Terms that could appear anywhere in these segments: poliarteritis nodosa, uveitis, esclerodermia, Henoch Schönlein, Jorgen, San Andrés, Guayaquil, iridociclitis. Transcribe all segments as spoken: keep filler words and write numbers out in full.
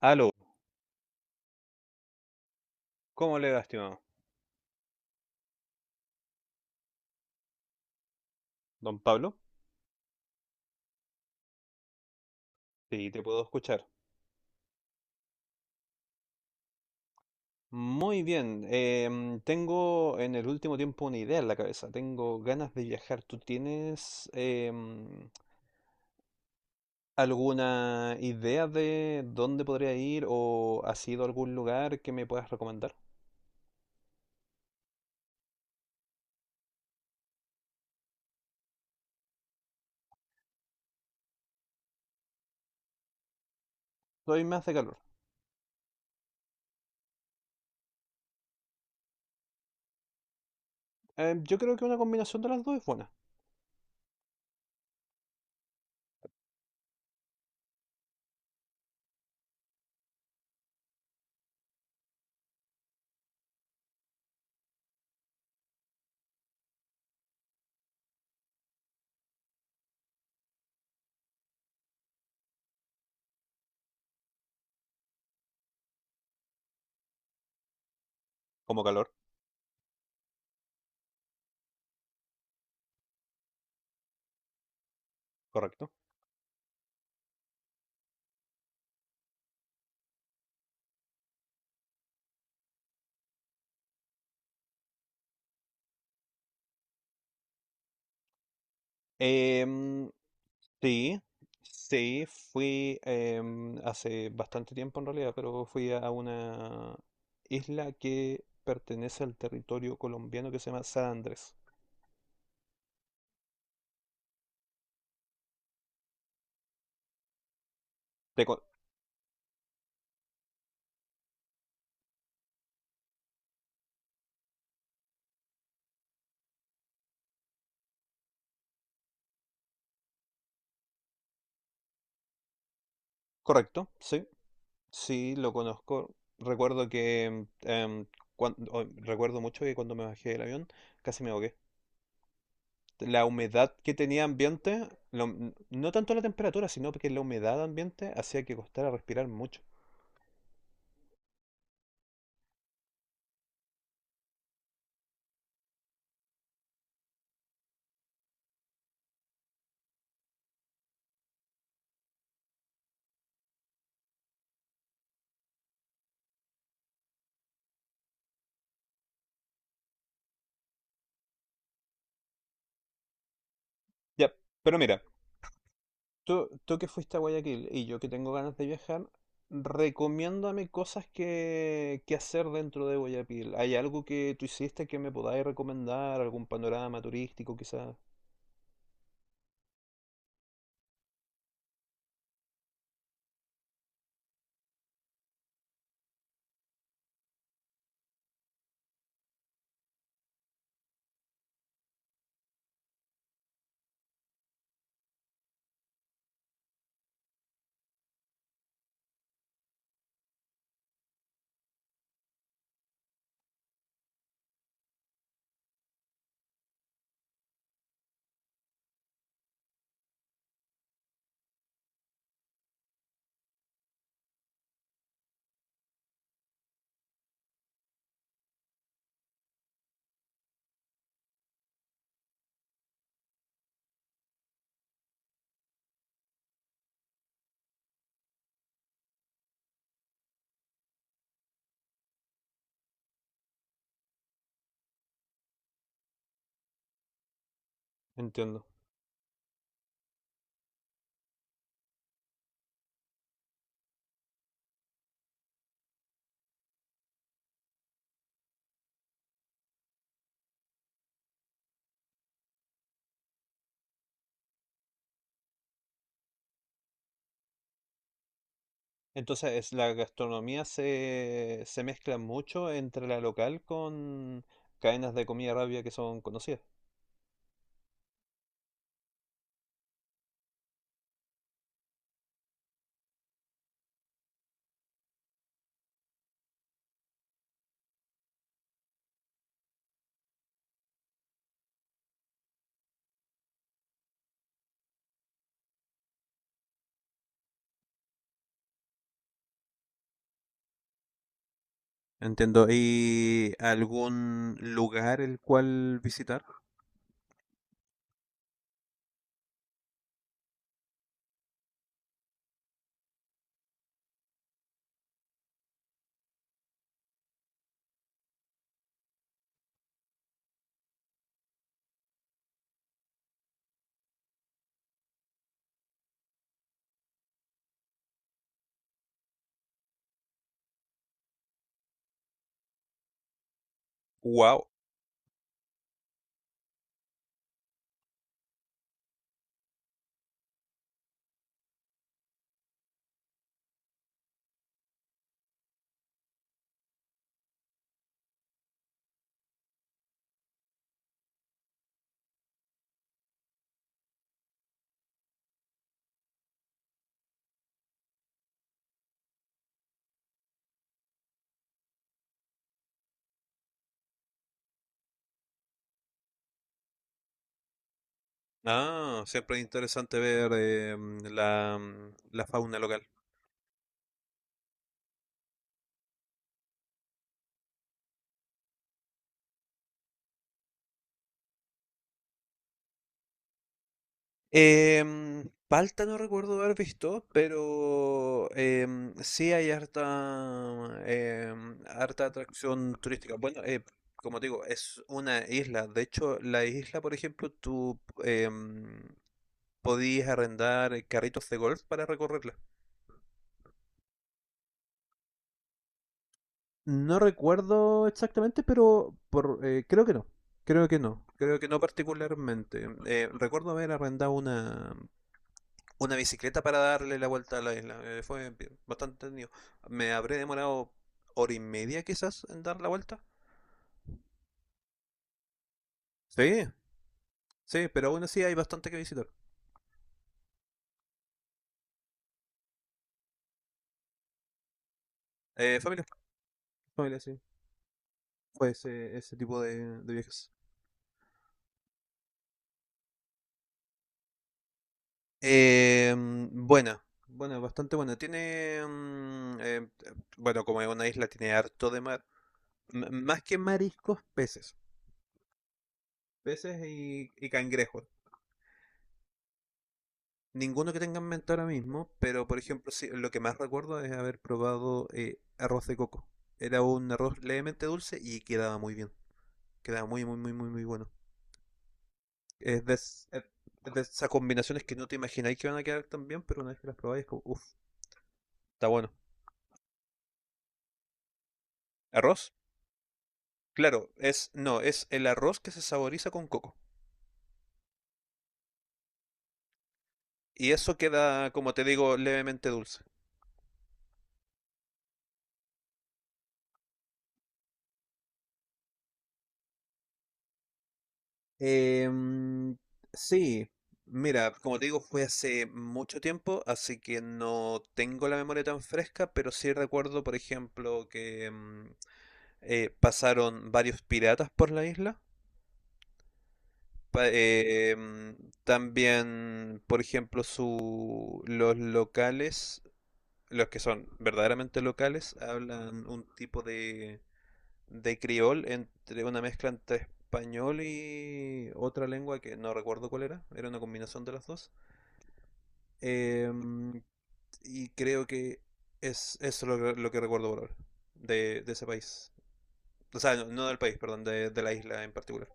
Aló, ¿cómo le va, estimado? Don Pablo, sí, te puedo escuchar. Muy bien, em, tengo en el último tiempo una idea en la cabeza, tengo ganas de viajar. ¿Tú tienes em, alguna idea de dónde podría ir o has ido a algún lugar que me puedas recomendar? Soy más de calor. Em, yo creo que una combinación de las dos es buena. Como calor, correcto. Em, Sí, sí, fui em, hace bastante tiempo en realidad, pero fui a una isla que pertenece al territorio colombiano que se llama San Andrés. Te co- Correcto, sí, sí, lo conozco. Recuerdo que, em, em, cuan- o- recuerdo mucho que cuando me bajé del avión casi me ahogué. La humedad que tenía ambiente, lo- no tanto la temperatura, sino que la humedad ambiente hacía que costara respirar mucho. Ya, pero mira. Tú, tú que fuiste a Guayaquil y yo que tengo ganas de viajar, recomiéndame cosas que, que hacer dentro de Guayaquil. ¿Hay algo que tú hiciste que me podáis recomendar? ¿Algún panorama turístico quizás? Entiendo. Entonces, es- la gastronomía se, se mezcla mucho entre la local con cadenas de comida rápida que son conocidas. Entiendo. ¿Y algún lugar el cual visitar? Wow. Ah, siempre es interesante ver eh, la, mm, la fauna local. Em, palta no recuerdo haber visto, pero em, sí hay harta, em, harta atracción turística. Bueno, eh, como te digo, es una isla. De hecho, la isla, por ejemplo, tú em, podías arrendar eh, carritos de golf para recorrerla. No recuerdo exactamente, pero por, eh, creo que no. Creo que no. Creo que no particularmente. Eh, recuerdo haber arrendado una, una bicicleta para darle la vuelta a la isla. Eh, fue bastante tenido. Me habré demorado hora y media quizás en dar la vuelta. Sí, sí, pero aún así hay bastante que visitar. Eh, familia, familia, sí. Fue ese, ese tipo de, de viajes. Eh, buena, buena, bastante buena. Tiene, mm, eh, bueno, como es una isla, tiene harto de mar. M- más que mariscos, peces. Peces y, y cangrejos. Ninguno que tenga en mente ahora mismo, pero por ejemplo, sí, lo que más recuerdo es haber probado eh, arroz de coco. Era un arroz levemente dulce y quedaba muy bien. Quedaba muy, muy, muy, muy, muy bueno. Es de, es- es de esas combinaciones que no te imagináis que van a quedar tan bien, pero una vez que las probáis, es como, uff, está bueno. ¿Arroz? Claro, es, no, es el arroz que se saboriza con coco. Y eso queda, como te digo, levemente dulce. Em, sí, mira, como te digo, fue hace mucho tiempo, así que no tengo la memoria tan fresca, pero sí recuerdo, por ejemplo, que mm, eh, pasaron varios piratas por la isla. Pa- eh, mm, también, por ejemplo, su, los locales, los que son verdaderamente locales, hablan un tipo de de criol, entre una mezcla entre español y otra lengua que no recuerdo cuál era, era una combinación de las dos. Eh, y creo que es eso lo, que- lo que recuerdo por ahora, de, de ese país. O sea, no, no del país, perdón, de, de la isla en particular.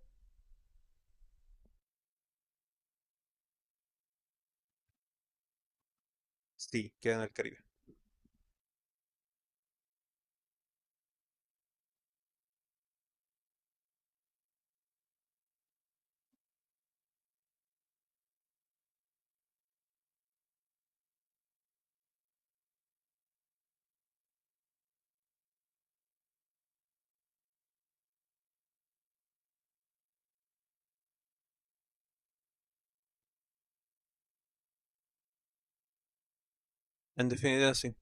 Sí, queda en el Caribe. En definitiva, sí.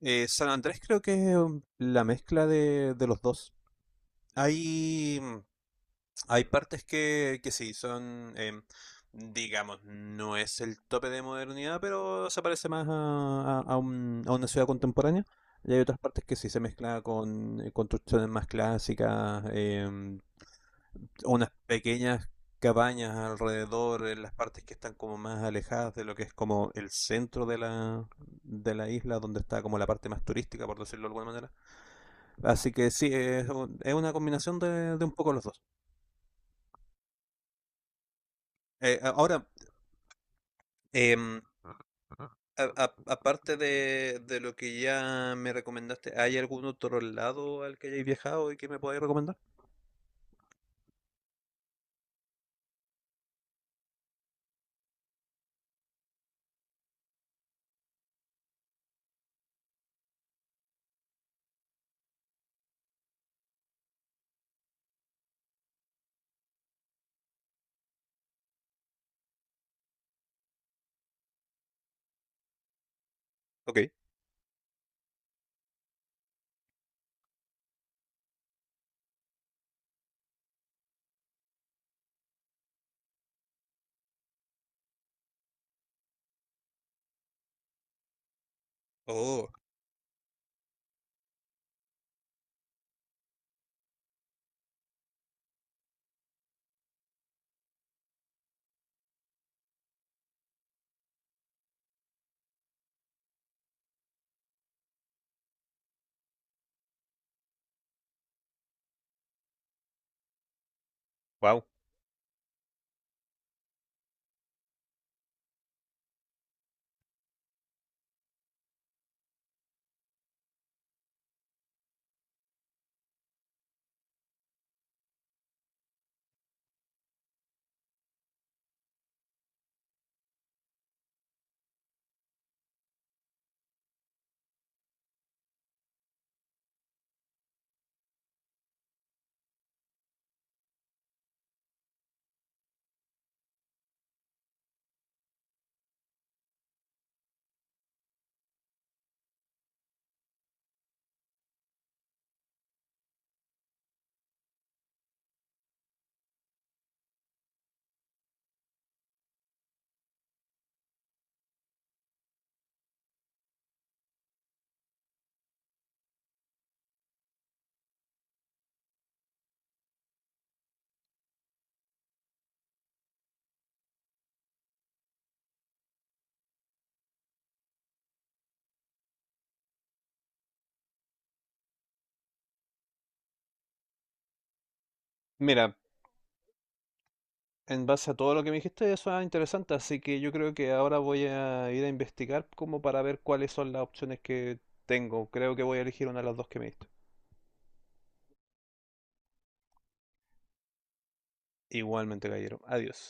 Eh, San Andrés creo que es um, la mezcla de, de los dos. Hay mm, hay partes que, que sí, son, eh, digamos, no es el tope de modernidad, pero se parece más a, a, a, un- a una ciudad contemporánea. Y hay otras partes que sí se mezcla con eh, construcciones más clásicas, eh, unas pequeñas cabañas alrededor, en las partes que están como más alejadas de lo que es como el centro de la, de la isla, donde está como la parte más turística, por decirlo de alguna manera. Así que sí, es, un- es una combinación de, de un poco los dos. Eh, a- ahora, Em, a- a- aparte de, de lo que ya me recomendaste, ¿hay algún otro lado al que hayáis viajado y que me podáis recomendar? Ok. Oh, wow. Mira, en base a todo lo que me dijiste, eso es interesante, así que yo creo que ahora voy a ir a investigar como para ver cuáles son las opciones que tengo. Creo que voy a elegir una de las dos que me diste. Igualmente, caballero. Adiós.